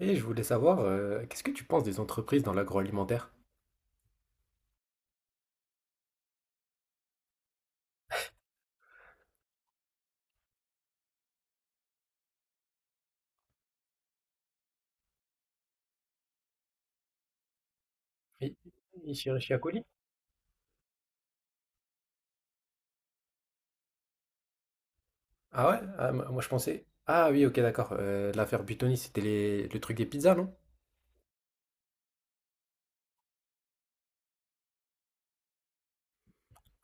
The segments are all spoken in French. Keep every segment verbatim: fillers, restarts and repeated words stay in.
Et je voulais savoir, euh, qu'est-ce que tu penses des entreprises dans l'agroalimentaire? I- Ici à Coli? Ah ouais? Ah, moi moi, je pensais. Ah oui, ok, d'accord. Euh, l'affaire Buitoni, c'était les- le truc des pizzas, non?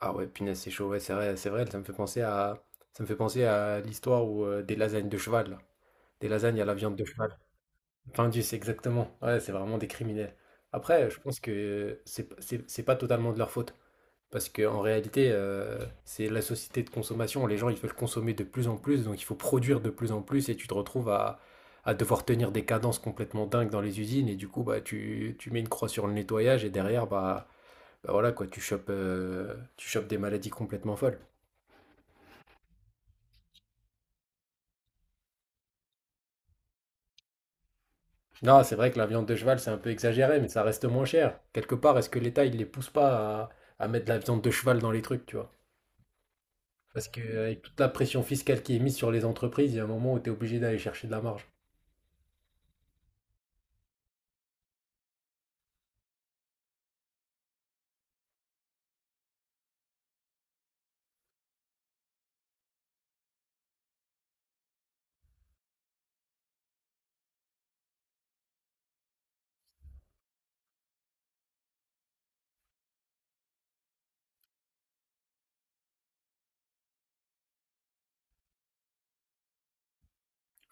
Ah ouais, punaise, c'est chaud, ouais, c'est vrai, c'est vrai, ça me fait penser à, ça me fait penser à l'histoire où, euh, des lasagnes de cheval, là. Des lasagnes à la viande de cheval. Enfin, c'est exactement. Ouais, c'est vraiment des criminels. Après, je pense que c'est c'est- c'est pas totalement de leur faute. Parce qu'en réalité, euh, c'est la société de consommation. Les gens, ils veulent consommer de plus en plus, donc il faut produire de plus en plus, et tu te retrouves à, à devoir tenir des cadences complètement dingues dans les usines, et du coup, bah, tu, tu mets une croix sur le nettoyage, et derrière, bah, bah voilà, quoi, tu chopes, euh, tu chopes des maladies complètement folles. Non, c'est vrai que la viande de cheval, c'est un peu exagéré, mais ça reste moins cher. Quelque part, est-ce que l'État, il les pousse pas à, à mettre de la viande de cheval dans les trucs, tu vois? Parce qu'avec toute la pression fiscale qui est mise sur les entreprises, il y a un moment où tu es obligé d'aller chercher de la marge.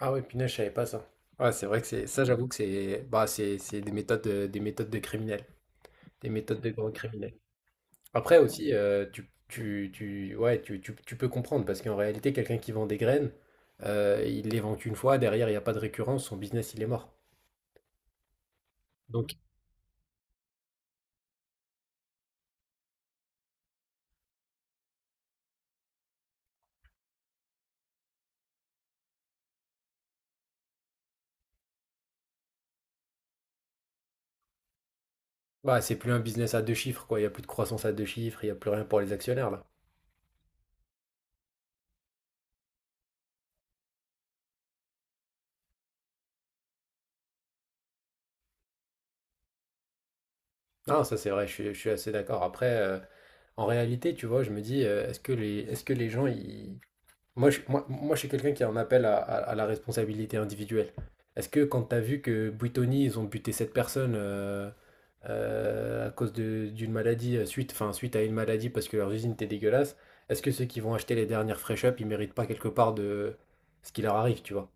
Ah oui, punaise, je savais pas ça. Ouais, c'est vrai que c'est ça, j'avoue que c'est bah, c'est c'est des méthodes de, des méthodes de criminels, des méthodes de grands criminels. Après aussi, euh, tu, tu, tu, ouais, tu, tu, tu peux comprendre parce qu'en réalité, quelqu'un qui vend des graines, euh, il les vend qu'une fois, derrière, il n'y a pas de récurrence, son business, il est mort. Donc, bah, c'est plus un business à deux chiffres, quoi. Il n'y a plus de croissance à deux chiffres, il n'y a plus rien pour les actionnaires, là. Non, ça, c'est vrai, je suis, je suis assez d'accord. Après, euh, en réalité, tu vois, je me dis, euh, est-ce que les, est-ce que les gens, ils... Moi, je, moi, moi, je suis quelqu'un qui en appelle à, à- à la responsabilité individuelle. Est-ce que quand tu as vu que Buitoni, ils ont buté cette personne euh, euh, à cause de- d'une maladie, euh, suite, enfin, suite à une maladie parce que leurs usines étaient dégueulasses, est-ce que ceux qui vont acheter les dernières fresh up, ils méritent pas quelque part de ce qui leur arrive, tu vois?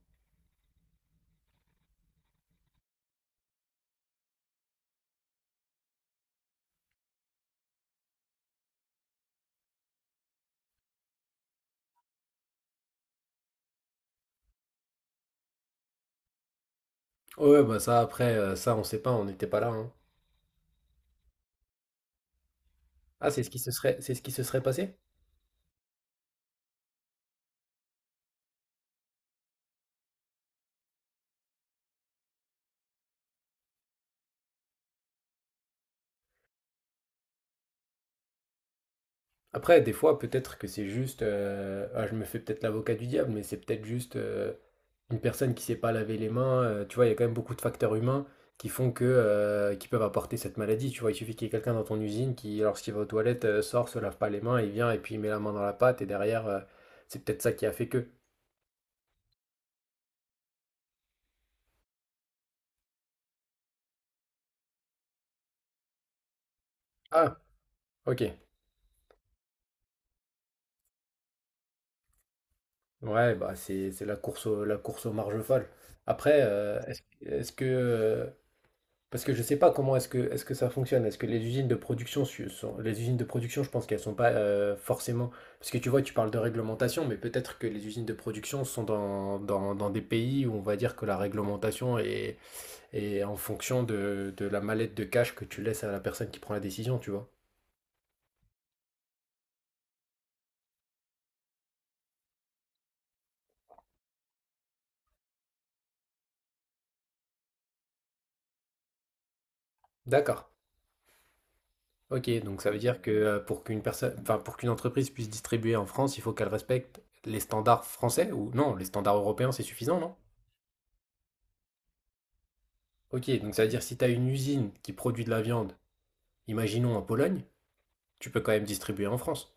Ouais, bah ça, après, euh, ça, on sait pas, on n'était pas là, hein. Ah, c'est ce qui se serait, c'est ce qui se serait passé? Après, des fois, peut-être que c'est juste. Euh, ah, je me fais peut-être l'avocat du diable, mais c'est peut-être juste. Euh, une personne qui sait pas laver les mains, euh, tu vois, il y a quand même beaucoup de facteurs humains qui font que, euh, qui peuvent apporter cette maladie. Tu vois, il suffit qu'il y ait quelqu'un dans ton usine qui, lorsqu'il va aux toilettes, euh, sort, se lave pas les mains, il vient et puis il met la main dans la pâte et derrière, euh, c'est peut-être ça qui a fait que. Ah, ok. Ouais, bah c'est c'est la course au, la course aux marges folles. Après, euh, est-ce, est-ce que, euh, parce que je ne sais pas comment est-ce que, est-ce que ça fonctionne. Est-ce que les usines de production su- sont, les usines de production, je pense qu'elles sont pas euh, forcément. Parce que tu vois, tu parles de réglementation, mais peut-être que les usines de production sont dans, dans, dans des pays où on va dire que la réglementation est, est en fonction de, de la mallette de cash que tu laisses à la personne qui prend la décision, tu vois. D'accord. Ok, donc ça veut dire que euh, pour qu'une personne, enfin pour qu'une entreprise puisse distribuer en France, il faut qu'elle respecte les standards français ou non, les standards européens, c'est suffisant, non? Ok, donc ça veut dire si tu as une usine qui produit de la viande imaginons en Pologne, tu peux quand même distribuer en France.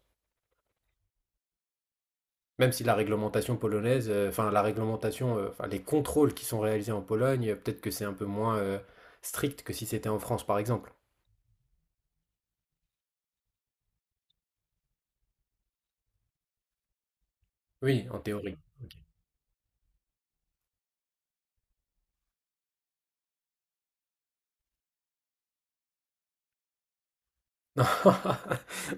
Même si la réglementation polonaise, euh, enfin la réglementation, euh, enfin les contrôles qui sont réalisés en Pologne, euh, peut-être que c'est un peu moins euh, strict que si c'était en France, par exemple. Oui, en théorie. Non,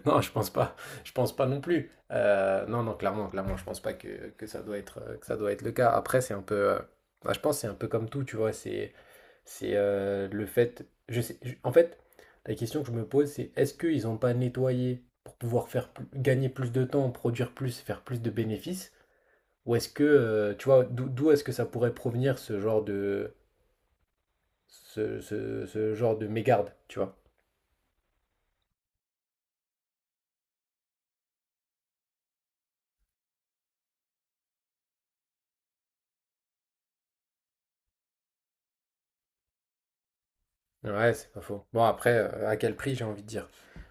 non, je pense pas. Je pense pas non plus. Euh, non, non, clairement, clairement, je pense pas que, que ça doit être, euh, que ça doit être le cas. Après, c'est un peu, euh, bah, je pense que c'est un peu comme tout, tu vois. C'est... C'est euh, le fait. Je sais, je- en fait, la question que je me pose, c'est est-ce qu'ils n'ont pas nettoyé pour pouvoir faire plus- gagner plus de temps, produire plus, faire plus de bénéfices? Ou est-ce que, euh, tu vois, d'où d'où est-ce que ça pourrait provenir ce genre de, ce, ce- ce genre de mégarde, tu vois? Ouais, c'est pas faux. Bon, après, euh, à quel prix, j'ai envie de dire.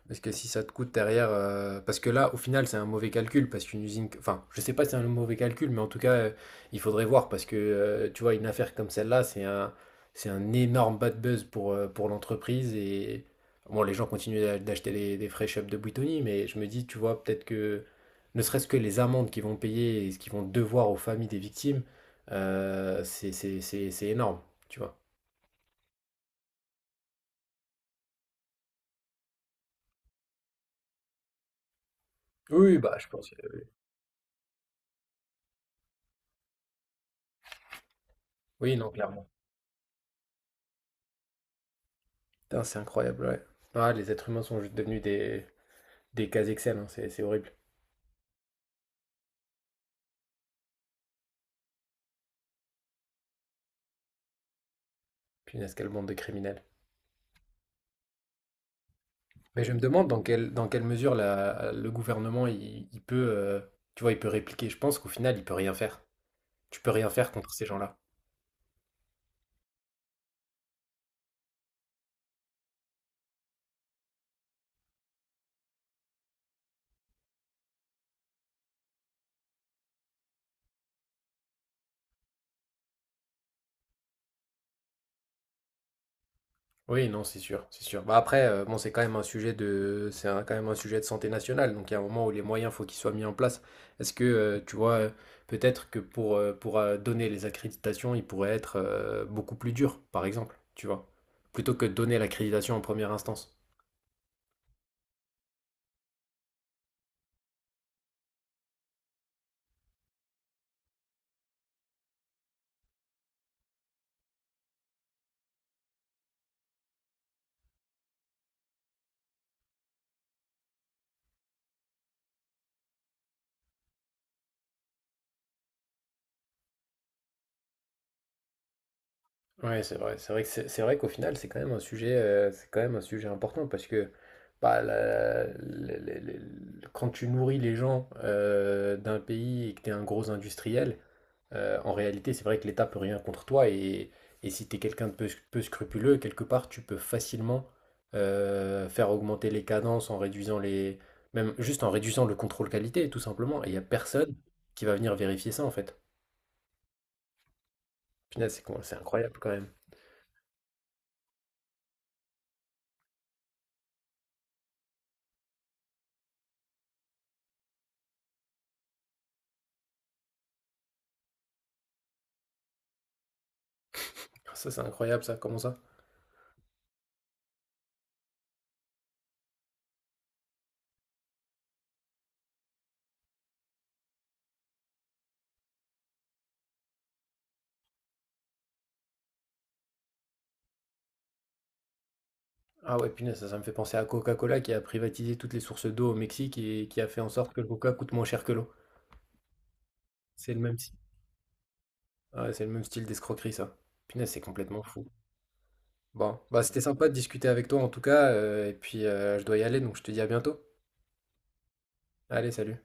Parce que si ça te coûte derrière. euh, Parce que là, au final, c'est un mauvais calcul. Parce qu'une usine. Enfin, je sais pas si c'est un mauvais calcul, mais en tout cas, euh, il faudrait voir. Parce que, euh, tu vois, une affaire comme celle-là, c'est un... c'est un énorme bad buzz pour, euh, pour l'entreprise. Et. Bon, les gens continuent d'a- d'acheter les- des fresh ups de Buitoni, mais je me dis, tu vois, peut-être que. Ne serait-ce que les amendes qu'ils vont payer et ce qu'ils vont devoir aux familles des victimes, euh, c'est c'est- c'est- c'est énorme, tu vois. Oui, bah, je pense. Oui, non, clairement. Putain, c'est incroyable, ouais. Ah, les êtres humains sont juste devenus des, des cases Excel, hein, c'est c'est horrible. Punaise, quelle bande de criminels. Mais je me demande dans quelle, dans quelle mesure la- le gouvernement, il, il peut, euh, tu vois, il peut répliquer. Je pense qu'au final, il peut rien faire. Tu peux rien faire contre ces gens-là. Oui, non, c'est sûr, c'est sûr. Bah après, euh, bon, c'est quand même un sujet de, c'est un- quand même un sujet de santé nationale. Donc, il y a un moment où les moyens, faut qu'ils soient mis en place. Est-ce que, euh, tu vois, euh, peut-être que pour, euh, pour euh, donner les accréditations, il pourrait être euh, beaucoup plus dur, par exemple, tu vois, plutôt que de donner l'accréditation en première instance. Ouais, c'est vrai. C'est vrai que c'est c'est vrai qu'au final, c'est quand même un sujet, euh, c'est quand même un sujet important parce que bah, la- la- la- la- la- quand tu nourris les gens euh, d'un pays et que tu es un gros industriel. Euh, en réalité, c'est vrai que l'État peut rien contre toi et, et si tu es quelqu'un de peu, peu scrupuleux, quelque part, tu peux facilement euh, faire augmenter les cadences en réduisant les... même juste en réduisant le contrôle qualité, tout simplement. Et il n'y a personne qui va venir vérifier ça, en fait. Punaise, c'est con- c'est incroyable quand même. Ça, c'est incroyable, ça. Comment ça? Ah ouais, punaise, ça, ça me fait penser à Coca-Cola qui a privatisé toutes les sources d'eau au Mexique et qui a fait en sorte que le coca coûte moins cher que l'eau. C'est le même, si- Ah ouais, c'est le même style d'escroquerie, ça. Punaise, c'est complètement fou. Bon, bah c'était sympa de discuter avec toi en tout cas, euh, et puis euh, je dois y aller, donc je te dis à bientôt. Allez, salut.